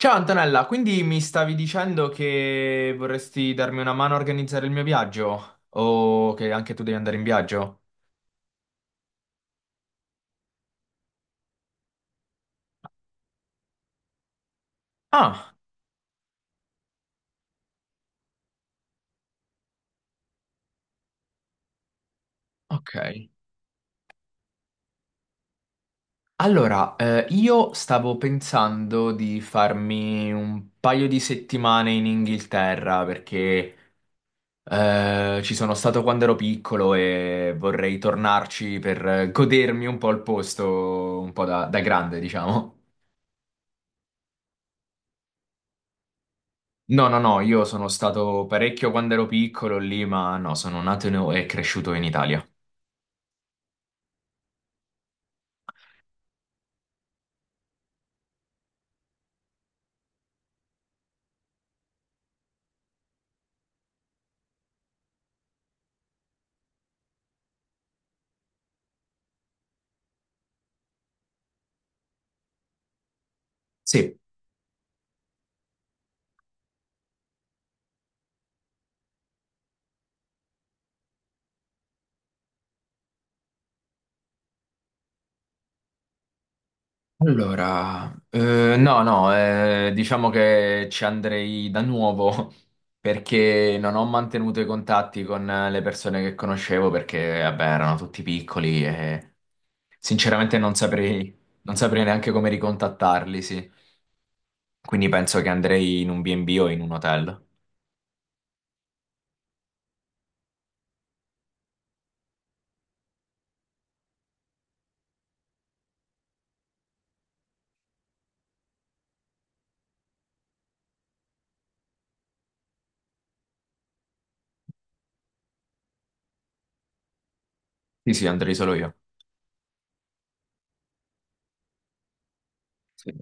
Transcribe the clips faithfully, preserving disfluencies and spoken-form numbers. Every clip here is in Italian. Ciao Antonella, quindi mi stavi dicendo che vorresti darmi una mano a organizzare il mio viaggio? O che anche tu devi andare in viaggio? Ah, ok. Allora, eh, io stavo pensando di farmi un paio di settimane in Inghilterra perché eh, ci sono stato quando ero piccolo e vorrei tornarci per eh, godermi un po' il posto, un po' da da grande, diciamo. No, no, no, io sono stato parecchio quando ero piccolo lì, ma no, sono nato in- e cresciuto in Italia. Sì, allora, eh, no, no, eh, diciamo che ci andrei da nuovo perché non ho mantenuto i contatti con le persone che conoscevo perché, vabbè, erano tutti piccoli e sinceramente non saprei, non saprei neanche come ricontattarli, sì. Quindi penso che andrei in un B e B o in un hotel. Sì, sì, andrei solo io. Sì.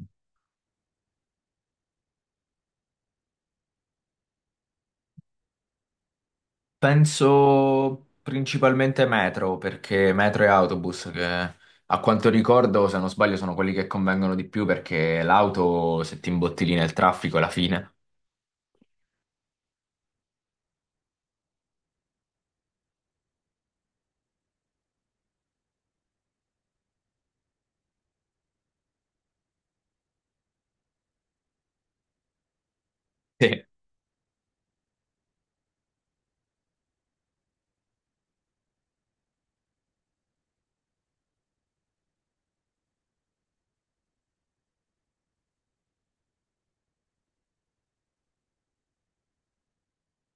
Penso principalmente metro, perché metro e autobus, che a quanto ricordo, se non sbaglio, sono quelli che convengono di più, perché l'auto, se ti imbottigli nel traffico, è la fine. Sì.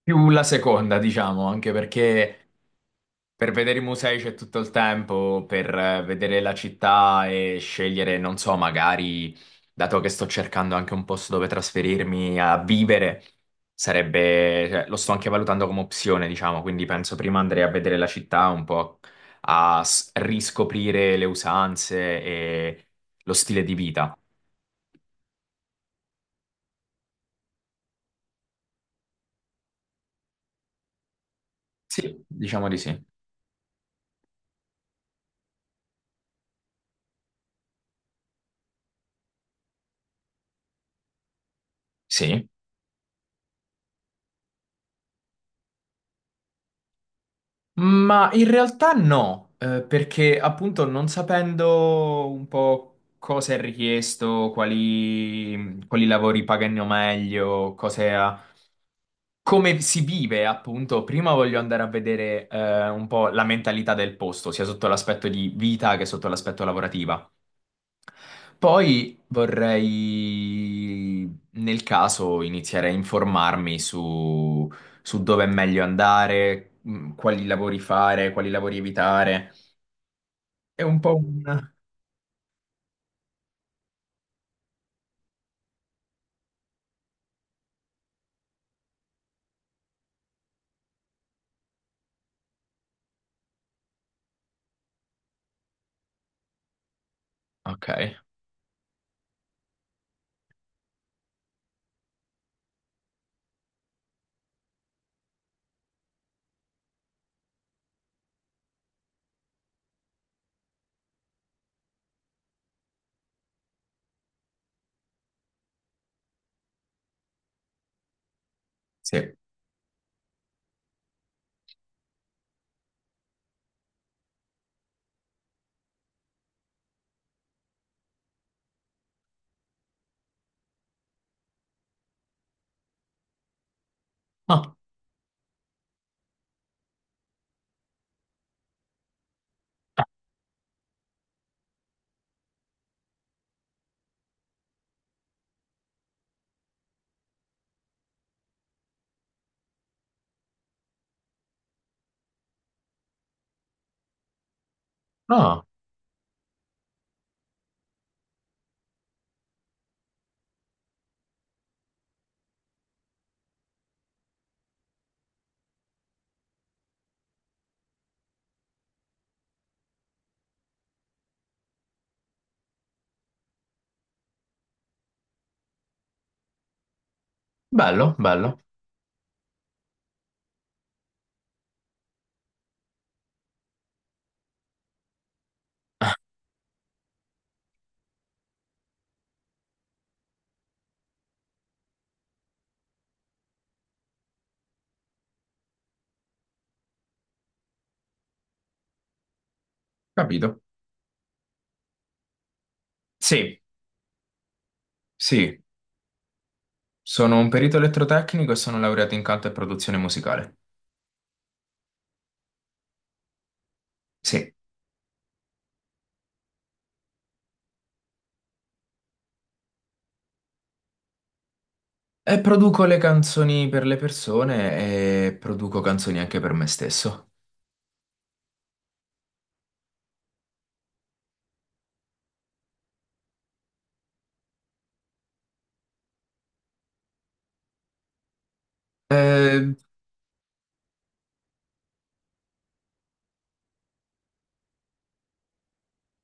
Più la seconda, diciamo, anche perché per vedere i musei c'è tutto il tempo, per eh, vedere la città e scegliere, non so, magari, dato che sto cercando anche un posto dove trasferirmi a vivere, sarebbe, cioè, lo sto anche valutando come opzione, diciamo, quindi penso prima andrei a vedere la città un po' a s- riscoprire le usanze e lo stile di vita. Sì, diciamo di sì. Sì. Ma in realtà no, eh, perché appunto non sapendo un po' cosa è richiesto, quali, quali lavori pagano meglio, cose a- come si vive appunto, prima voglio andare a vedere eh, un po' la mentalità del posto, sia sotto l'aspetto di vita che sotto l'aspetto lavorativa. Poi vorrei, nel caso, iniziare a informarmi su, su dove è meglio andare, mh, quali lavori fare, quali lavori evitare. È un po' un... Ok, sì. Ah, ah, bello, bello, capito. Sì, sì, sono un perito elettrotecnico e sono laureato in canto e produzione musicale. Sì, e produco le canzoni per le persone e produco canzoni anche per me stesso. Eh,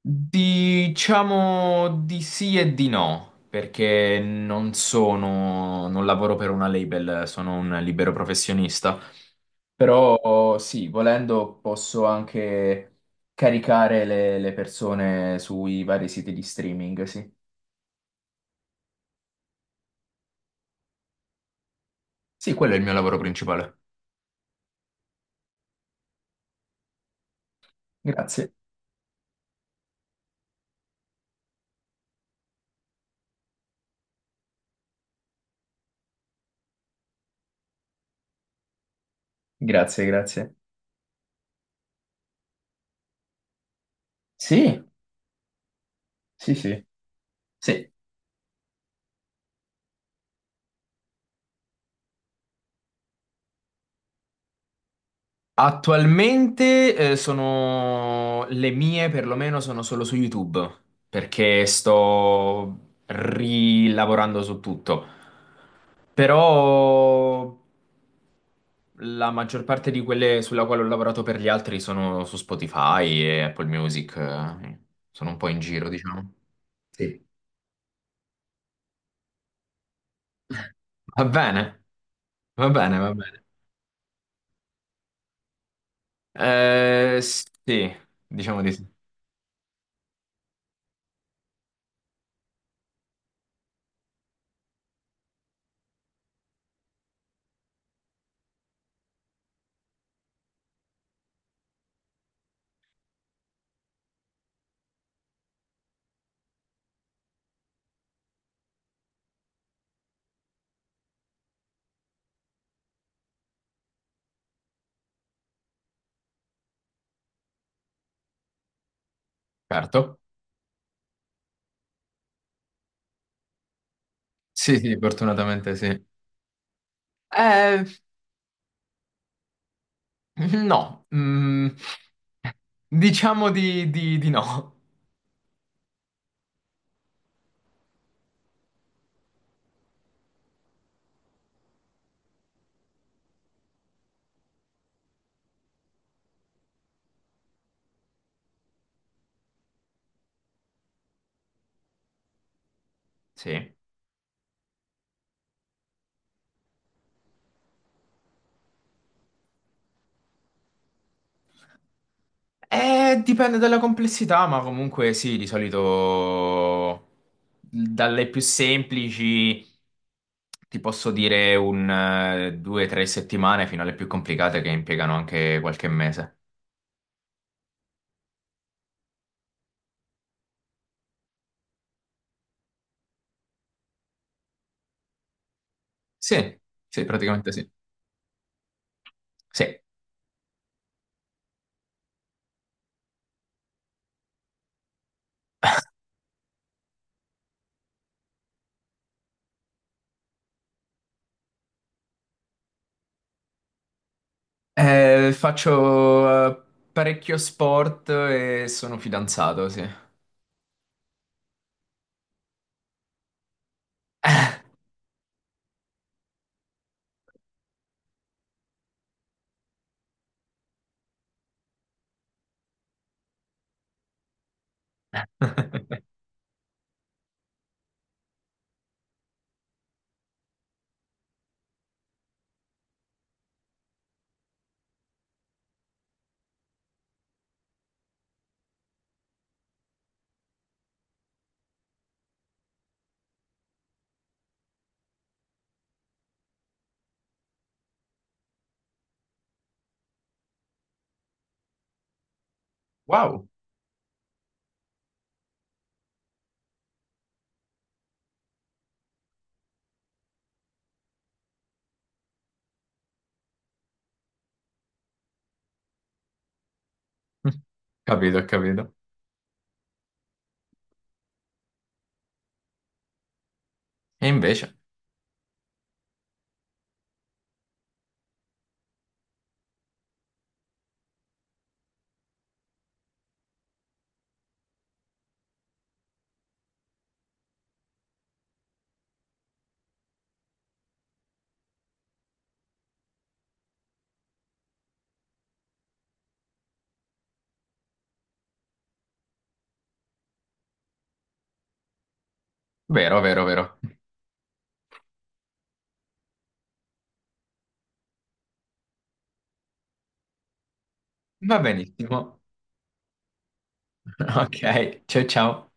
Diciamo di sì e di no, perché non sono, non lavoro per una label, sono un libero professionista. Però sì, volendo posso anche caricare le, le persone sui vari siti di streaming, sì. Sì, quello è il mio lavoro principale. Grazie, grazie, grazie. Sì, sì, sì. Sì. Attualmente eh, sono le mie, perlomeno sono solo su YouTube, perché sto rilavorando su tutto. Però la maggior parte di quelle sulla quale ho lavorato per gli altri sono su Spotify e Apple Music, eh, sono un po' in giro, diciamo. Sì. Va bene, va bene, va bene. Eh sì, diciamo di sì, certo. Sì, sì, fortunatamente sì. Eh, no, mm, diciamo di, di- di no. Sì. Eh, dipende dalla complessità, ma comunque sì, di solito dalle più semplici ti posso dire un eh, due o tre settimane fino alle più complicate che impiegano anche qualche mese. Sì, sì, praticamente sì. Sì. Eh, faccio eh, parecchio sport e sono fidanzato, sì. Wow. Capito, ho capito. E invece, vero, vero, vero. Va benissimo. Ok, ciao ciao.